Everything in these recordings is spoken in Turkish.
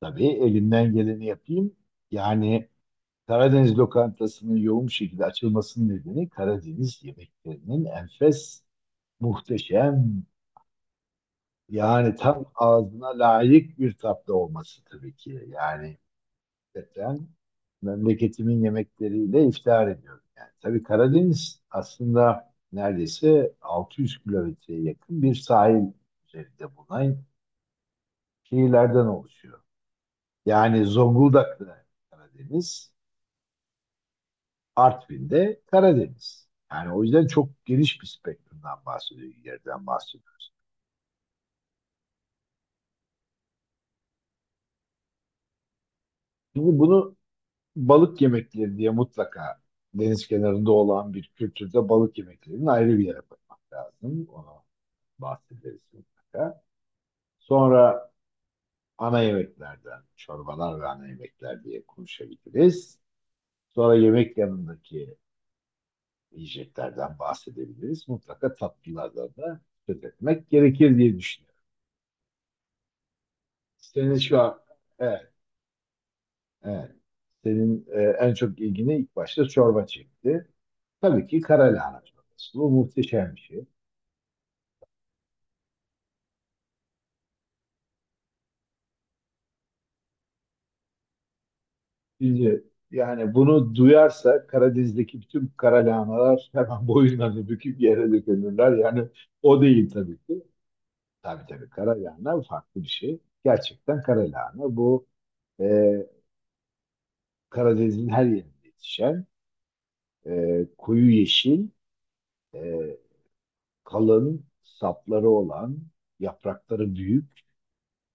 Tabii elimden geleni yapayım. Yani Karadeniz lokantasının yoğun bir şekilde açılmasının nedeni Karadeniz yemeklerinin enfes, muhteşem, yani tam ağzına layık bir tatlı olması tabii ki. Yani gerçekten memleketimin yemekleriyle iftihar ediyorum. Yani tabii Karadeniz aslında neredeyse 600 kilometreye yakın bir sahil üzerinde bulunan şehirlerden oluşuyor. Yani Zonguldak'ta Karadeniz. Artvin'de Karadeniz. Yani o yüzden çok geniş bir spektrumdan bahsediyoruz, yerden bahsediyoruz. Şimdi bunu balık yemekleri diye mutlaka deniz kenarında olan bir kültürde balık yemeklerinin ayrı bir yere koymak lazım. Ona bahsederiz mutlaka. Sonra ana yemeklerden, çorbalar ve ana yemekler diye konuşabiliriz. Sonra yemek yanındaki yiyeceklerden bahsedebiliriz. Mutlaka tatlılardan da söz etmek gerekir diye düşünüyorum. Senin şu an, evet. Evet. Senin en çok ilgini ilk başta çorba çekti. Tabii ki kara lahana çorbası. Bu muhteşem bir şey. Şimdi yani bunu duyarsa Karadeniz'deki bütün kara lahanalar hemen boyunlarını büküp yere dökülürler. Yani o değil tabii ki. Tabii, tabii, kara lahana farklı bir şey. Gerçekten kara lahana bu e, Karadeniz'in her yerinde yetişen koyu yeşil, e, kalın sapları olan, yaprakları büyük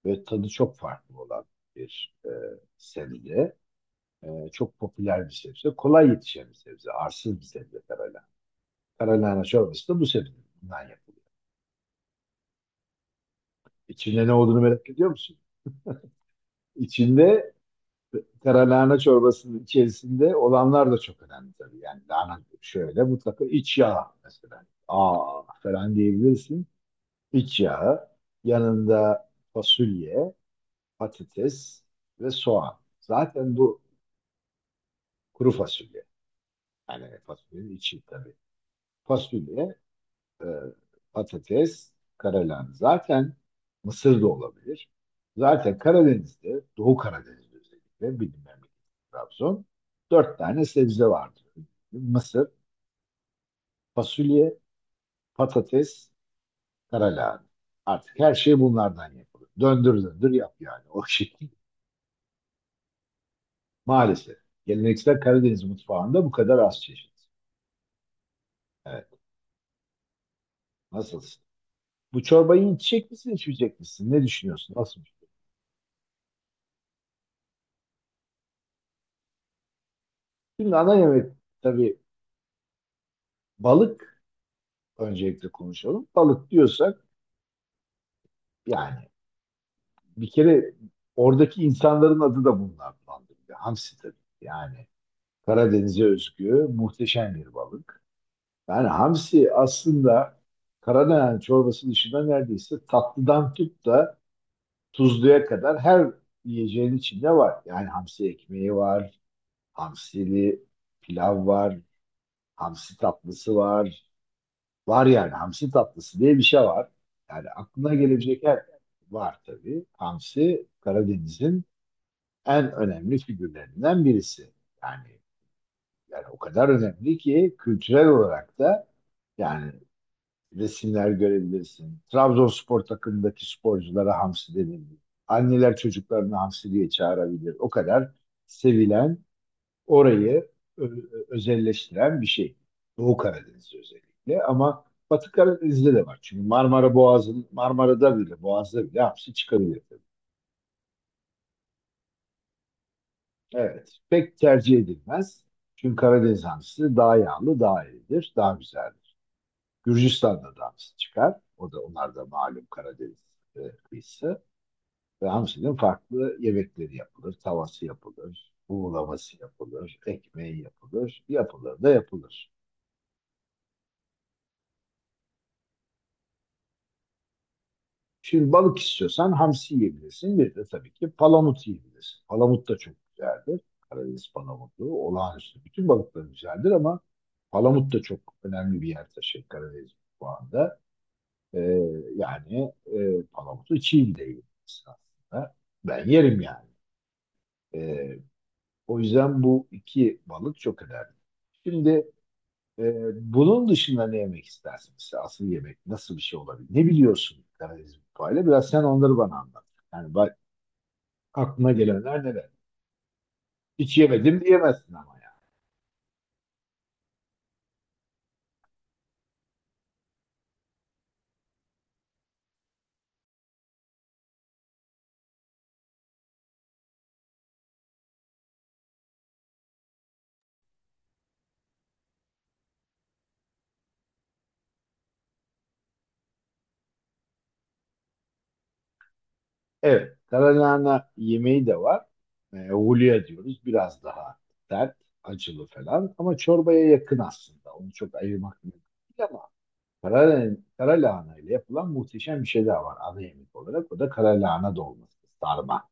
ve tadı çok farklı olan bir sebze. Çok popüler bir sebze. Kolay yetişen bir sebze. Arsız bir sebze karalahana. Karalahana çorbası da bu sebze. Bundan yapılıyor. İçinde ne olduğunu merak ediyor musun? İçinde karalahana çorbasının içerisinde olanlar da çok önemli tabii. Yani lahana şöyle mutlaka iç yağ mesela. Aa falan diyebilirsin. İç yağı. Yanında fasulye, patates ve soğan. Zaten bu kuru fasulye. Yani fasulyenin içi tabii. Fasulye, e, patates, karalahan. Zaten mısır da olabilir. Zaten Karadeniz'de, Doğu Karadeniz'de özellikle bildiğim memleket Trabzon. Dört tane sebze vardır. Mısır, fasulye, patates, karalahan. Artık her şey bunlardan yapılır. Döndür döndür yap yani o şekilde. Maalesef. Geleneksel Karadeniz mutfağında bu kadar az çeşit. Evet. Nasılsın? Bu çorbayı içecek misin, içmeyecek misin? Ne düşünüyorsun? Nasıl? Şimdi ana yemek tabii balık öncelikle konuşalım. Balık diyorsak yani bir kere oradaki insanların adı da bunlar bandırıyor. Hamsi tabii. Yani Karadeniz'e özgü muhteşem bir balık. Yani hamsi aslında Karadeniz çorbası dışında neredeyse tatlıdan tut da tuzluya kadar her yiyeceğin içinde var. Yani hamsi ekmeği var, hamsili pilav var, hamsi tatlısı var. Var yani hamsi tatlısı diye bir şey var. Yani aklına gelebilecek her var tabii. Hamsi Karadeniz'in en önemli figürlerinden birisi. Yani yani o kadar önemli ki kültürel olarak da yani resimler görebilirsin. Trabzonspor takımındaki sporculara hamsi denildi. Anneler çocuklarını hamsi diye çağırabilir. O kadar sevilen orayı ö- özelleştiren bir şey. Doğu Karadeniz'de özellikle ama Batı Karadeniz'de de var. Çünkü Marmara Boğazı'nın Marmara'da bile Boğaz'da bile hamsi çıkabilir. Tabii. Evet. Pek tercih edilmez. Çünkü Karadeniz hamsisi daha yağlı, daha iyidir, daha güzeldir. Gürcistan'da da hamsi çıkar. O da onlar da malum Karadeniz e, kıyısı. Ve hamsinin farklı yemekleri yapılır. Tavası yapılır, buğulaması yapılır, ekmeği yapılır, yapılır da yapılır. Şimdi balık istiyorsan hamsi yiyebilirsin. Bir de tabii ki palamut yiyebilirsin. Palamut da çok güzeldir. Karadeniz palamutu olağanüstü. Bütün balıklar güzeldir ama palamut da çok önemli bir yer taşır Karadeniz mutfağında. Ee, Yani palamutu çiğ de yiyebilirsin aslında. Ben yerim yani. Ee, O yüzden bu iki balık çok önemli. Şimdi e, bunun dışında ne yemek istersin? Mesela asıl yemek nasıl bir şey olabilir? Ne biliyorsun Karadeniz mutfağıyla? Biraz sen onları bana anlat. Yani aklına gelenler neler? Hiç yemedim diyemezsin ama ya. Evet, karalahana yemeği de var. Hulya diyoruz. Biraz daha sert, acılı falan. Ama çorbaya yakın aslında. Onu çok ayırmak mümkün değil ama karalahana ile yapılan muhteşem bir şey daha var ana yemek olarak. O da karalahana dolması, sarma.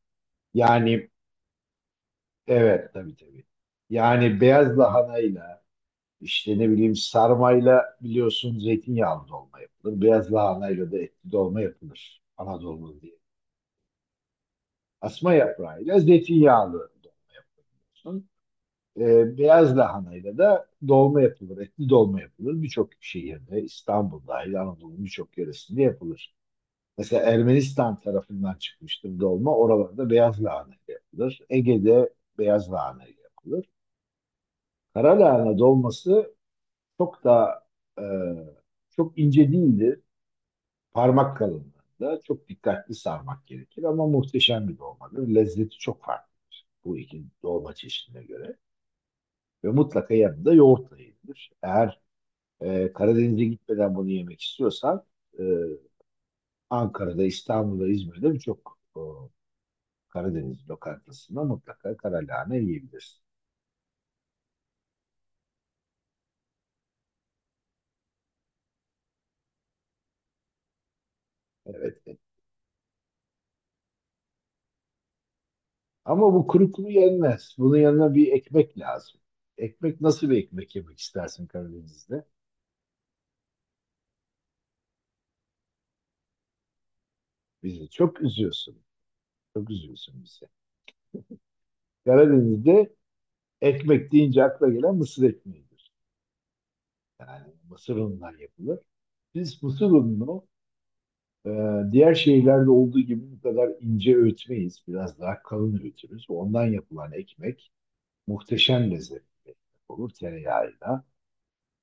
Yani evet, tabii, tabii. Yani beyaz lahanayla İşte ne bileyim sarmayla biliyorsun zeytinyağlı dolma yapılır. Beyaz lahanayla da etli dolma yapılır. Anadolu diye. Asma yaprağıyla zeytinyağlı dolma yapılır. Beyaz lahanayla da dolma yapılır. Etli dolma yapılır. Birçok şehirde İstanbul dahil Anadolu'nun birçok yöresinde yapılır. Mesela Ermenistan tarafından çıkmıştır dolma. Oralarda beyaz lahana ile yapılır. Ege'de beyaz lahana ile yapılır. Kara lahana dolması çok daha e, çok ince değildir. Parmak kalınlığında çok dikkatli sarmak gerekir ama muhteşem bir dolmadır. Lezzeti çok farklı bu iki dolma çeşidine göre. Ve mutlaka yanında yoğurtla yenilir. Eğer Karadeniz'e gitmeden bunu yemek istiyorsan e, Ankara'da, İstanbul'da, İzmir'de birçok Karadeniz lokantasında mutlaka karalahane yiyebilirsin. Evet. Ama bu kuru kuru yenmez. Bunun yanına bir ekmek lazım. Ekmek nasıl bir ekmek yemek istersin Karadeniz'de? Bizi çok üzüyorsun. Çok üzüyorsun bizi. Karadeniz'de ekmek deyince akla gelen mısır ekmeğidir. Yani mısır unundan yapılır. Biz mısır ununu e, diğer şeylerde olduğu gibi bu kadar ince öğütmeyiz. Biraz daha kalın öğütürüz. Ondan yapılan ekmek muhteşem lezzetli bir ekmek olur. Tereyağıyla,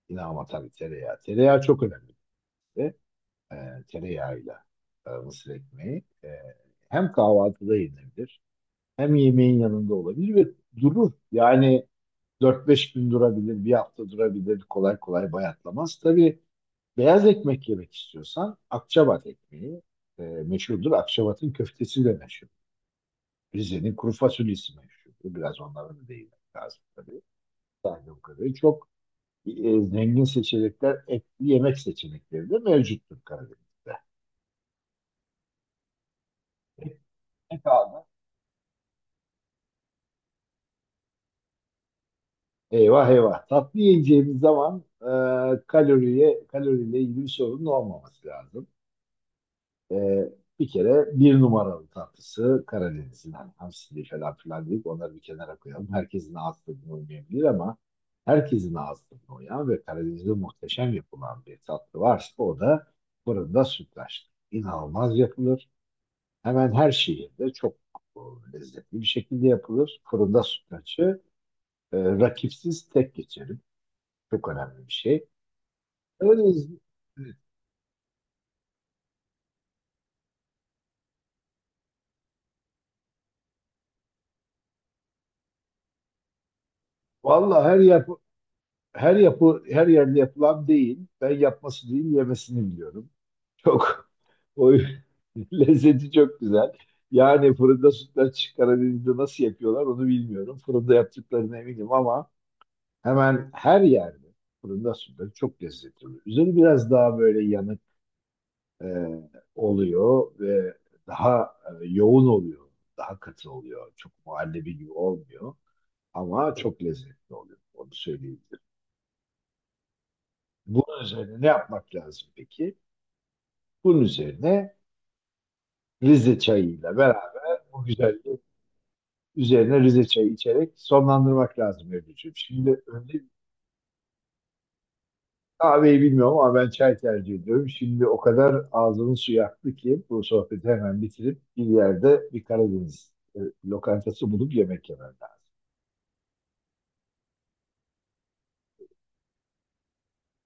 yine ama tabii tereyağı. Tereyağı çok önemli bize. E, Tereyağıyla mısır ekmeği. Hem kahvaltıda yenilebilir, hem yemeğin yanında olabilir ve durur. Yani 4-5 gün durabilir, bir hafta durabilir. Kolay kolay bayatlamaz. Tabii beyaz ekmek yemek istiyorsan Akçabat ekmeği meşhurdur. Akçabat'ın köftesi de meşhur. Rize'nin kuru fasulyesi meşhurdur. Biraz onların da değinmek lazım tabii. Sadece bu kadar. Çok zengin seçenekler, etli yemek seçenekleri de mevcuttur Karadeniz'de. Ne kaldı? Eyvah eyvah. Tatlı yiyeceğimiz zaman kaloriyle ilgili bir sorunun olmaması lazım. Ee, Bir kere bir numaralı tatlısı Karadeniz'in hani hamsili falan filan deyip onları bir kenara koyalım. Herkesin ağız tadına uymayabilir ama herkesin ağız tadına uyan ve Karadeniz'de muhteşem yapılan bir tatlı varsa o da fırında sütlaç. İnanılmaz yapılır. Hemen her şehirde çok e, lezzetli bir şekilde yapılır. Fırında sütlaçı rakipsiz tek geçerim. Çok önemli bir şey. Öyle, valla her yerde yapılan değil. Ben yapması değil yemesini biliyorum. Çok o lezzeti çok güzel. Yani fırında sütlaç Karadeniz'de nasıl yapıyorlar onu bilmiyorum. Fırında yaptıklarına eminim ama hemen her yerde fırında sütlaç çok lezzetli oluyor. Üzeri biraz daha böyle yanık e, oluyor ve daha yoğun oluyor. Daha katı oluyor. Çok muhallebi gibi olmuyor ama çok lezzetli oluyor. Onu söyleyebilirim. Bunun üzerine ne yapmak lazım peki? Bunun üzerine Rize çayıyla beraber bu güzelliği üzerine Rize çayı içerek sonlandırmak lazım Ebru'cum. Şimdi önce kahveyi bilmiyorum ama ben çay tercih ediyorum. Şimdi o kadar ağzımın suyu aktı ki bu sohbeti hemen bitirip bir yerde bir Karadeniz lokantası bulup yemek yemem lazım.